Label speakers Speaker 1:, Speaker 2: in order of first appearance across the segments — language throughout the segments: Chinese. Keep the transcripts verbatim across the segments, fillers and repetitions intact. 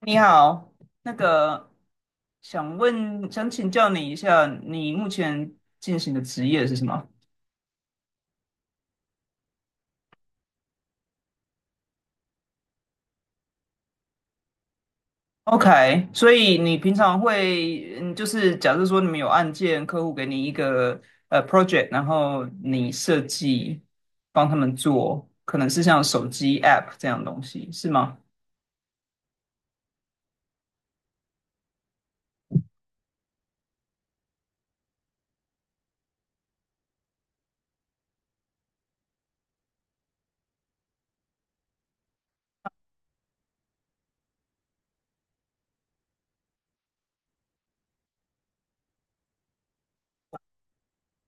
Speaker 1: 你好，那个想问，想请教你一下，你目前进行的职业是什么？OK，所以你平常会，嗯，就是假设说你们有案件，客户给你一个呃 project，然后你设计帮他们做，可能是像手机 app 这样的东西，是吗？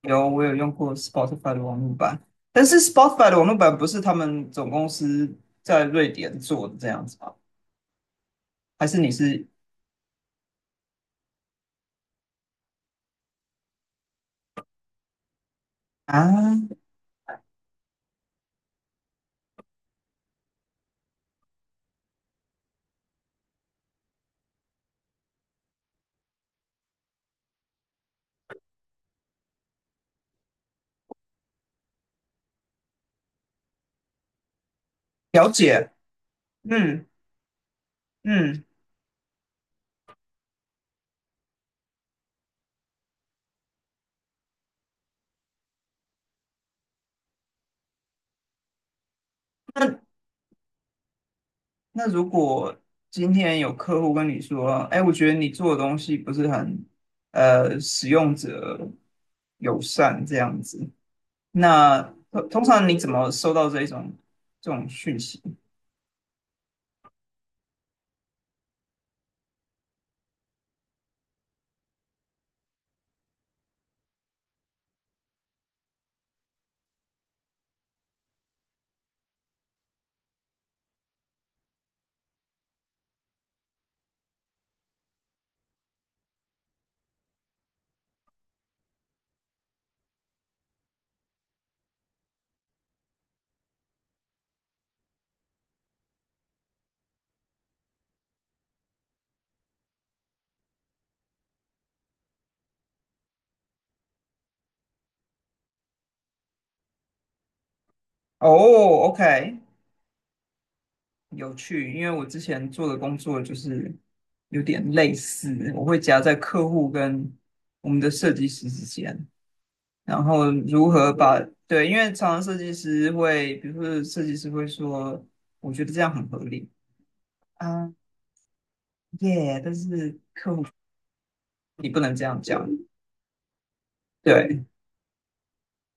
Speaker 1: 有，我有用过 Spotify 的网络版，但是 Spotify 的网络版不是他们总公司在瑞典做的这样子吗？还是你是啊？了解，嗯嗯，那那如果今天有客户跟你说，哎，我觉得你做的东西不是很呃使用者友善这样子，那通通常你怎么收到这一种这种讯息？哦，OK，有趣，因为我之前做的工作就是有点类似，我会夹在客户跟我们的设计师之间，然后如何把，对，因为常常设计师会，比如说设计师会说，我觉得这样很合理啊，耶，但是你不能这样讲，对，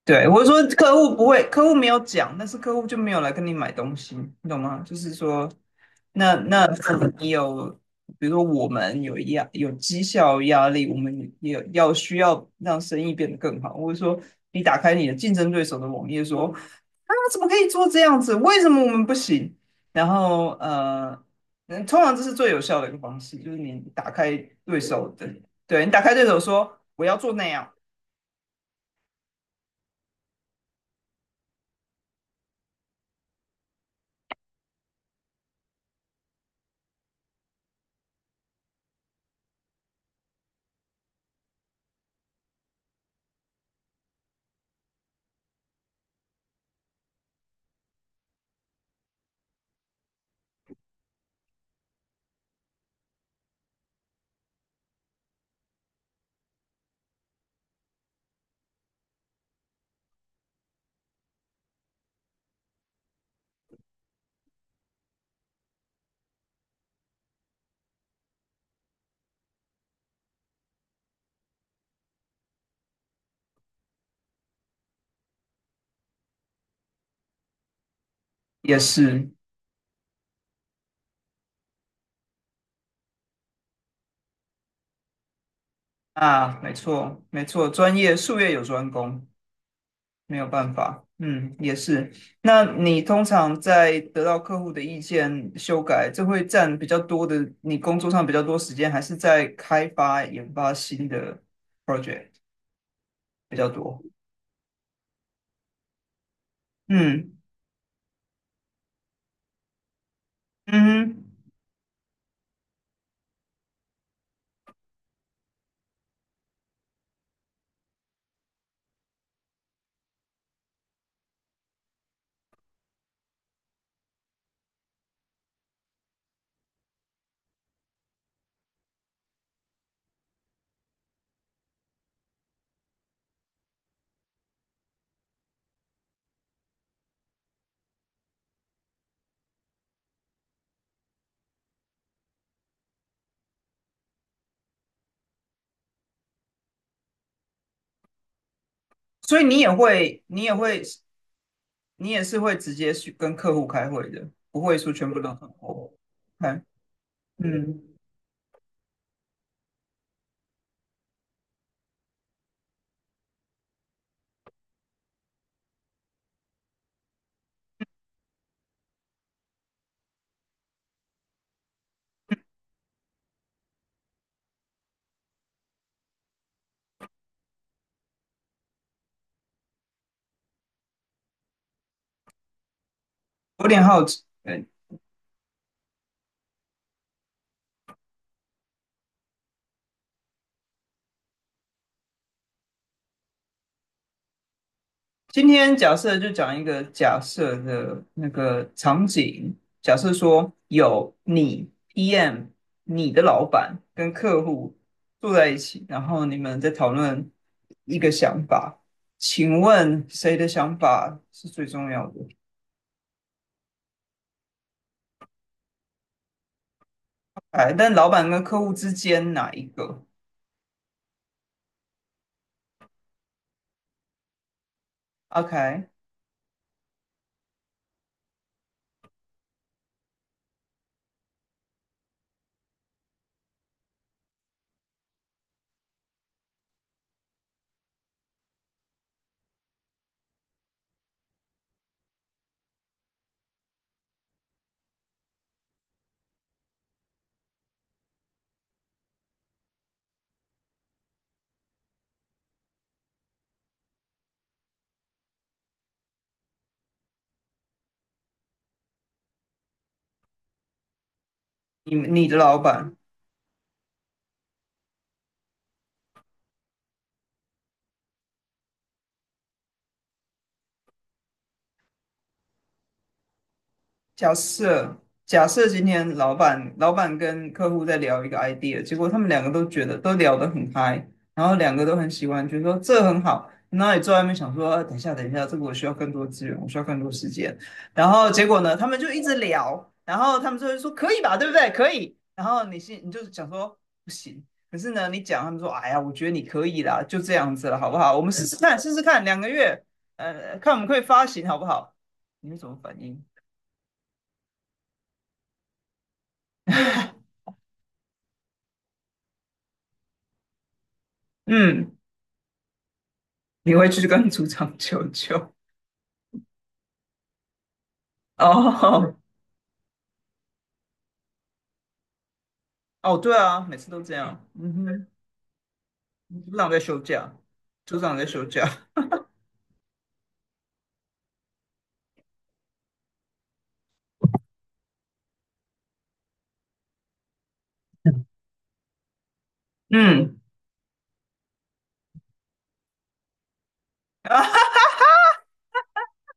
Speaker 1: 对，我是说客户不会，客户没有讲，但是客户就没有来跟你买东西，你懂吗？就是说，那那可能你有，比如说我们有压有绩效压力，我们也有要需要让生意变得更好，或者说你打开你的竞争对手的网页说，啊，怎么可以做这样子？为什么我们不行？然后呃，嗯，通常这是最有效的一个方式，就是你打开对手的，对你打开对手说我要做那样。也是，啊，没错，没错，专业术业有专攻，没有办法。嗯，也是。那你通常在得到客户的意见修改，这会占比较多的，你工作上比较多时间，还是在开发研发新的 project 比较多？嗯嗯哼，所以你也会，你也会，你也是会直接去跟客户开会的，不会说全部都很 OK。嗯，有点好奇。呃今天假设就讲一个假设的那个场景，假设说有你 P M、你的老板跟客户坐在一起，然后你们在讨论一个想法，请问谁的想法是最重要的？哎，但老板跟客户之间哪一个？OK，你你的老板，假设假设今天老板老板跟客户在聊一个 idea，结果他们两个都觉得都聊得很嗨，然后两个都很喜欢，觉得说这很好。那你坐在那边想说，啊等一下等一下，这个我需要更多资源，我需要更多时间。然后结果呢，他们就一直聊，然后他们就会说可以吧，对不对？可以。然后你心你就想说不行，可是呢，你讲他们说，哎呀，我觉得你可以啦，就这样子了，好不好？我们试试看，试试看，两个月，呃，看我们可以发行好不好？你会怎么反应？嗯。你会去跟组长求救？哦哦，对啊，每次都这样。嗯哼，组长在休假，组长在休假。嗯，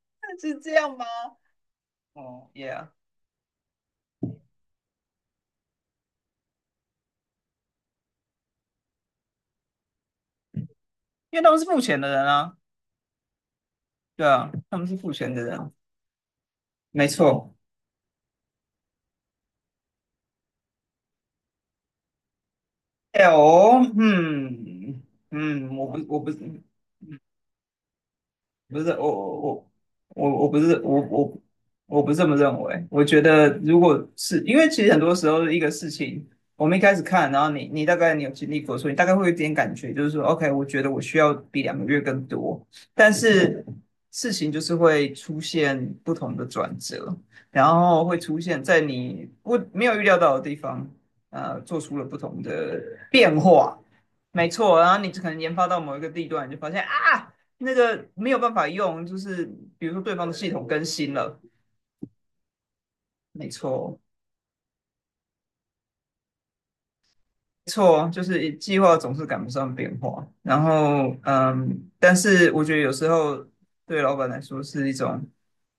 Speaker 1: 是这样吗？哦，Yeah，因为他们是付钱的人啊。对啊，他们是付钱的人，没错。哎哦，嗯嗯，我不我不不是我我我我我不是我我我不是这么认为。我觉得如果是因为其实很多时候一个事情，我们一开始看，然后你你大概你有经历过，所以你大概会有一点感觉，就是说，OK，我觉得我需要比两个月更多，但是事情就是会出现不同的转折，然后会出现在你不没有预料到的地方，呃，做出了不同的变化。没错，然后你可能研发到某一个地段，你就发现啊。那个没有办法用，就是比如说对方的系统更新了，没错。错，就是计划总是赶不上变化。然后，嗯，但是我觉得有时候对老板来说是一种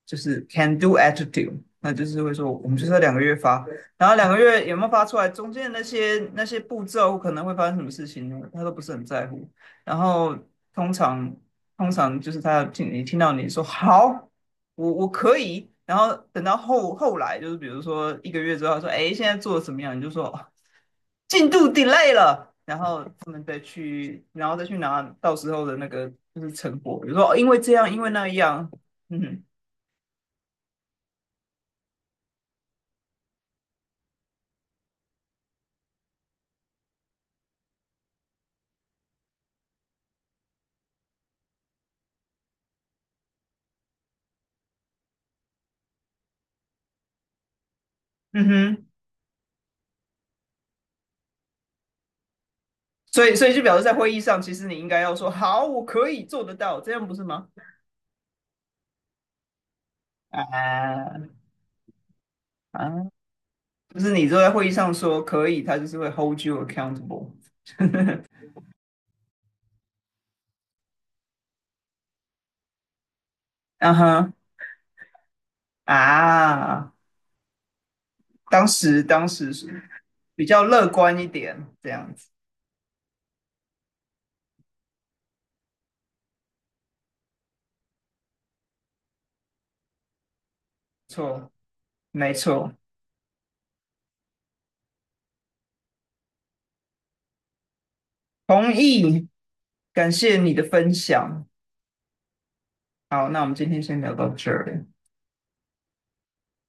Speaker 1: 就是 can do attitude，那就是会说我们就是要两个月发，然后两个月有没有发出来，中间那些那些步骤可能会发生什么事情呢，他都不是很在乎。然后通常通常就是他听你听到你说好，我我可以，然后等到后后来就是比如说一个月之后，他说哎现在做的怎么样，你就说，哦进度 delay 了，然后他们再去，然后再去拿到时候的那个就是成果，比如说哦，因为这样，因为那样，嗯哼，嗯哼，所以所以就表示在会议上，其实你应该要说好，我可以做得到，这样不是吗？啊啊，就是你坐在会议上说可以，他就是会 hold you accountable，嗯哼啊，当时当时是比较乐观一点，这样子，错，没错，同意，感谢你的分享。好，那我们今天先聊到这儿，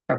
Speaker 1: 拜拜。